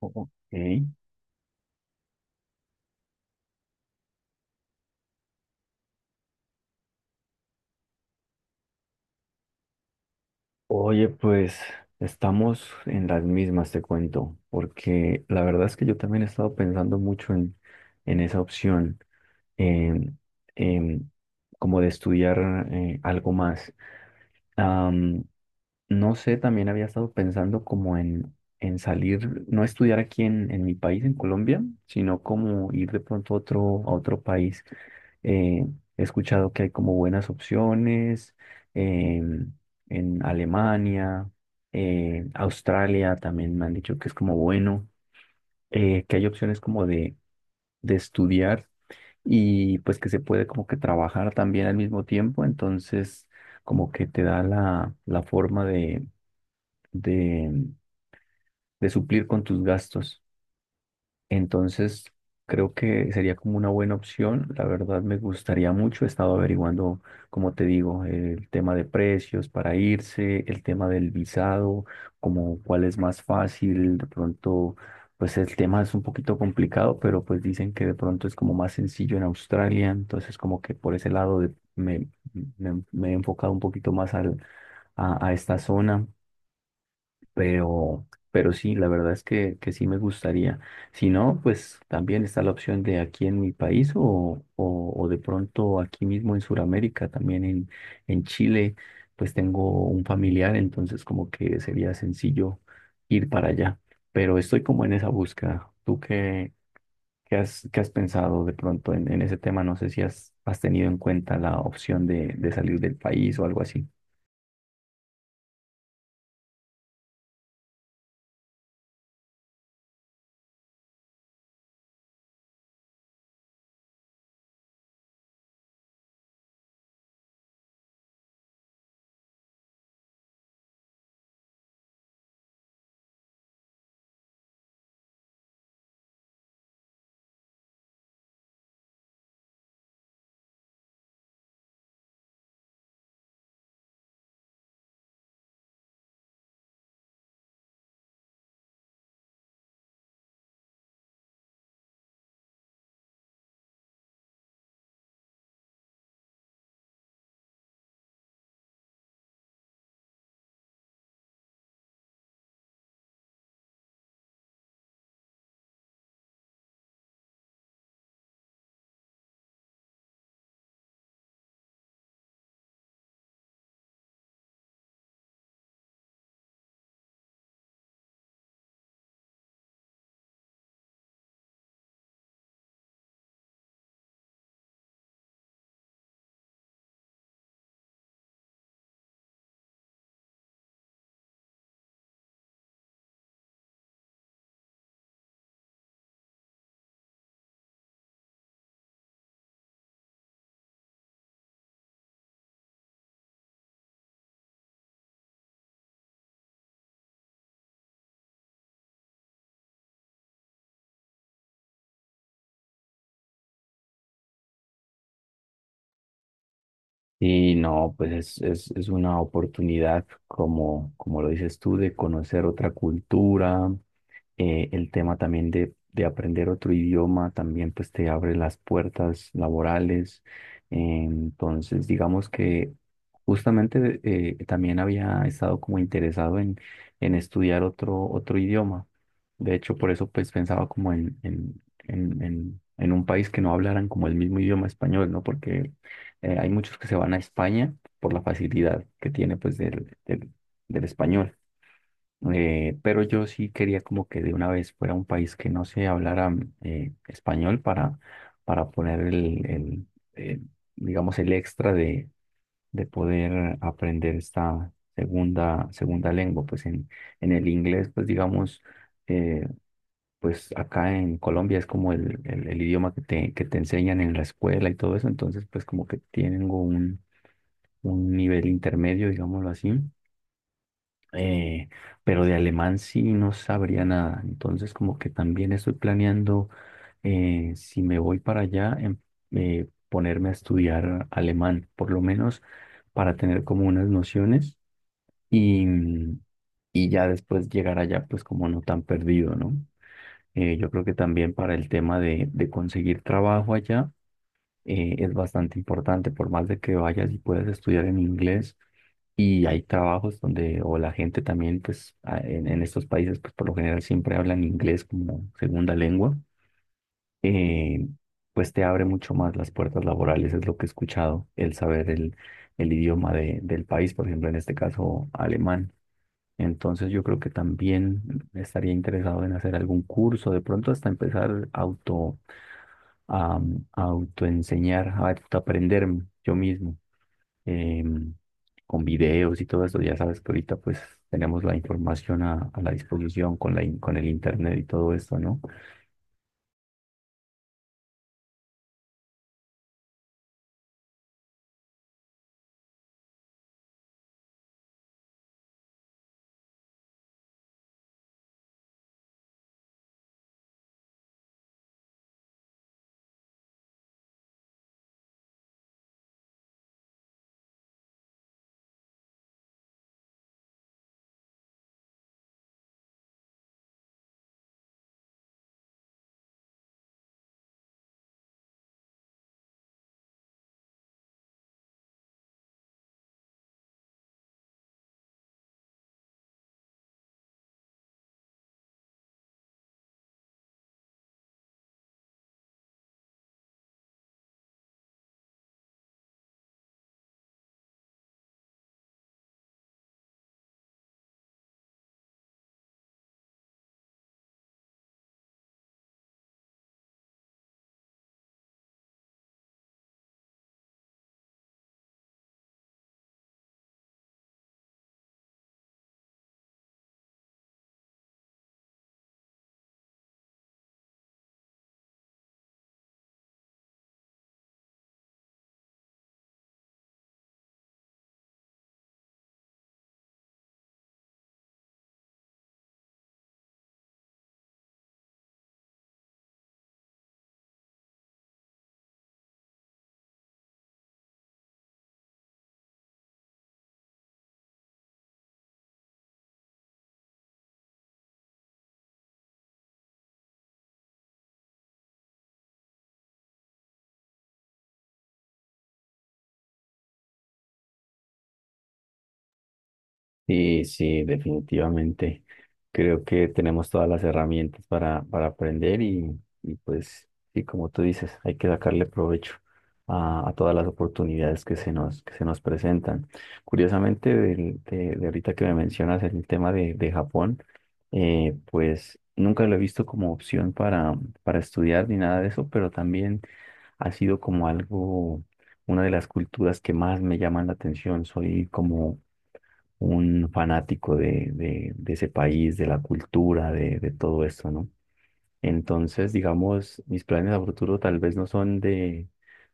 Ok. Oye, pues estamos en las mismas, te cuento, porque la verdad es que yo también he estado pensando mucho en esa opción, en- en como de estudiar algo más. Am, no sé, también había estado pensando como en salir, no estudiar aquí en mi país, en Colombia, sino como ir de pronto a otro país. Eh, He escuchado que hay como buenas opciones em, en Alemania, Australia también me han dicho que es como bueno, que hay opciones como de estudiar y pues que se puede como que trabajar también al mismo tiempo, entonces como que te da la forma de, de suplir con tus gastos. Entonces, creo que sería como una buena opción. La verdad me gustaría mucho. He estado averiguando, como te digo, el tema de precios para irse, el tema del visado, como cuál es más fácil. De pronto, pues el tema es un poquito complicado, pero pues dicen que de pronto es como más sencillo en Australia. Entonces, como que por ese lado me, me he enfocado un poquito más a esta zona. Pero sí, la verdad es que sí me gustaría. Si no, pues también está la opción de aquí en mi país o de pronto aquí mismo en Sudamérica, también en Chile, pues tengo un familiar, entonces como que sería sencillo ir para allá. Pero estoy como en esa búsqueda. ¿Tú qué, qué has pensado de pronto en ese tema? No sé si has, has tenido en cuenta la opción de salir del país o algo así. Y no, pues es una oportunidad, como, como lo dices tú, de conocer otra cultura, el tema también de aprender otro idioma también pues te abre las puertas laborales. Entonces, digamos que justamente también había estado como interesado en estudiar otro, otro idioma. De hecho, por eso pues pensaba como en un país que no hablaran como el mismo idioma español, ¿no? Porque hay muchos que se van a España por la facilidad que tiene pues del español. Pero yo sí quería como que de una vez fuera un país que no se hablara español para poner eh, digamos, el extra de poder aprender esta segunda, segunda lengua. Pues en el inglés, pues digamos, eh, pues acá en Colombia es como el idioma que te enseñan en la escuela y todo eso. Entonces, pues como que tienen un nivel intermedio, digámoslo así eh, pero de alemán sí no sabría nada. Entonces, como que también estoy planeando, si me voy para allá, ponerme a estudiar alemán, por lo menos para tener como unas nociones y, y ya después llegar allá, pues como no tan perdido, ¿no? Yo creo que también para el tema de conseguir trabajo allá es bastante importante, por más de que vayas y puedas estudiar en inglés y hay trabajos donde, o la gente también, pues en estos países, pues por lo general siempre hablan inglés como segunda lengua, eh, pues te abre mucho más las puertas laborales, es lo que he escuchado, el saber el idioma de, del país, por ejemplo, en este caso alemán. Entonces yo creo que también estaría interesado en hacer algún curso, de pronto hasta empezar auto, a, a autoenseñar, a aprender yo mismo em, con videos y todo eso. Ya sabes que ahorita pues tenemos la información a la disposición con con el internet y todo esto, ¿no? Sí, sí, definitivamente. Creo que tenemos todas las herramientas para aprender y pues, sí, como tú dices, hay que sacarle provecho a todas las oportunidades que se nos presentan. Curiosamente, de ahorita que me mencionas el tema de Japón, pues nunca lo he visto como opción para estudiar ni nada de eso, pero también ha sido como algo, una de las culturas que más me llaman la atención. Soy como un fanático de ese país, de la cultura, de todo esto, ¿no? Entonces, digamos, mis planes a futuro tal vez no son de,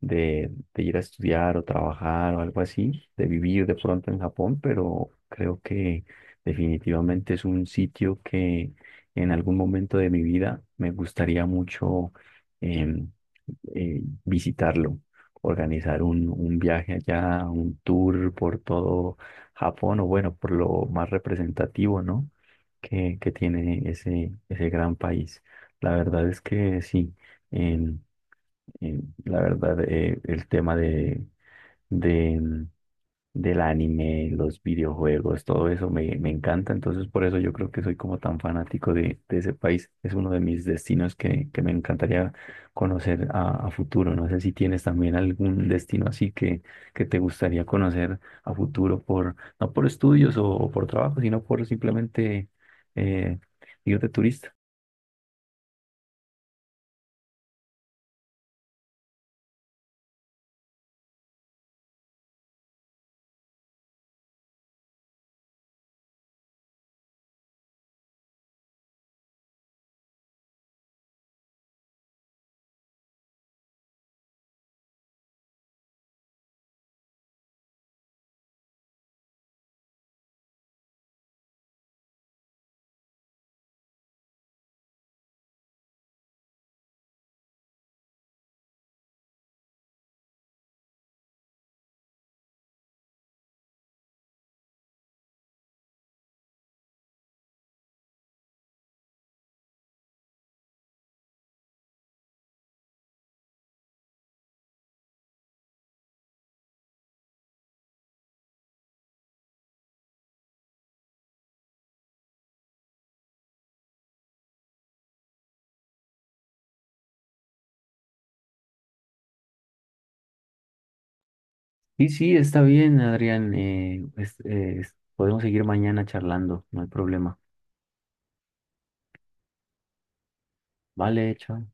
de, de ir a estudiar o trabajar o algo así, de vivir de pronto en Japón, pero creo que definitivamente es un sitio que en algún momento de mi vida me gustaría mucho em, visitarlo, organizar un viaje allá, un tour por todo Japón o bueno, por lo más representativo, ¿no? Que tiene ese, ese gran país. La verdad es que sí, en- la verdad el tema de, de- mm, del anime, los videojuegos, todo eso me, me encanta, entonces por eso yo creo que soy como tan fanático de ese país, es uno de mis destinos que me encantaría conocer a futuro, no sé si tienes también algún destino así que te gustaría conocer a futuro por, no por estudios o por trabajo, sino por simplemente eh, ir de turista. Sí, sí, está bien, Adrián. Podemos seguir mañana charlando, no hay problema. Vale, chao.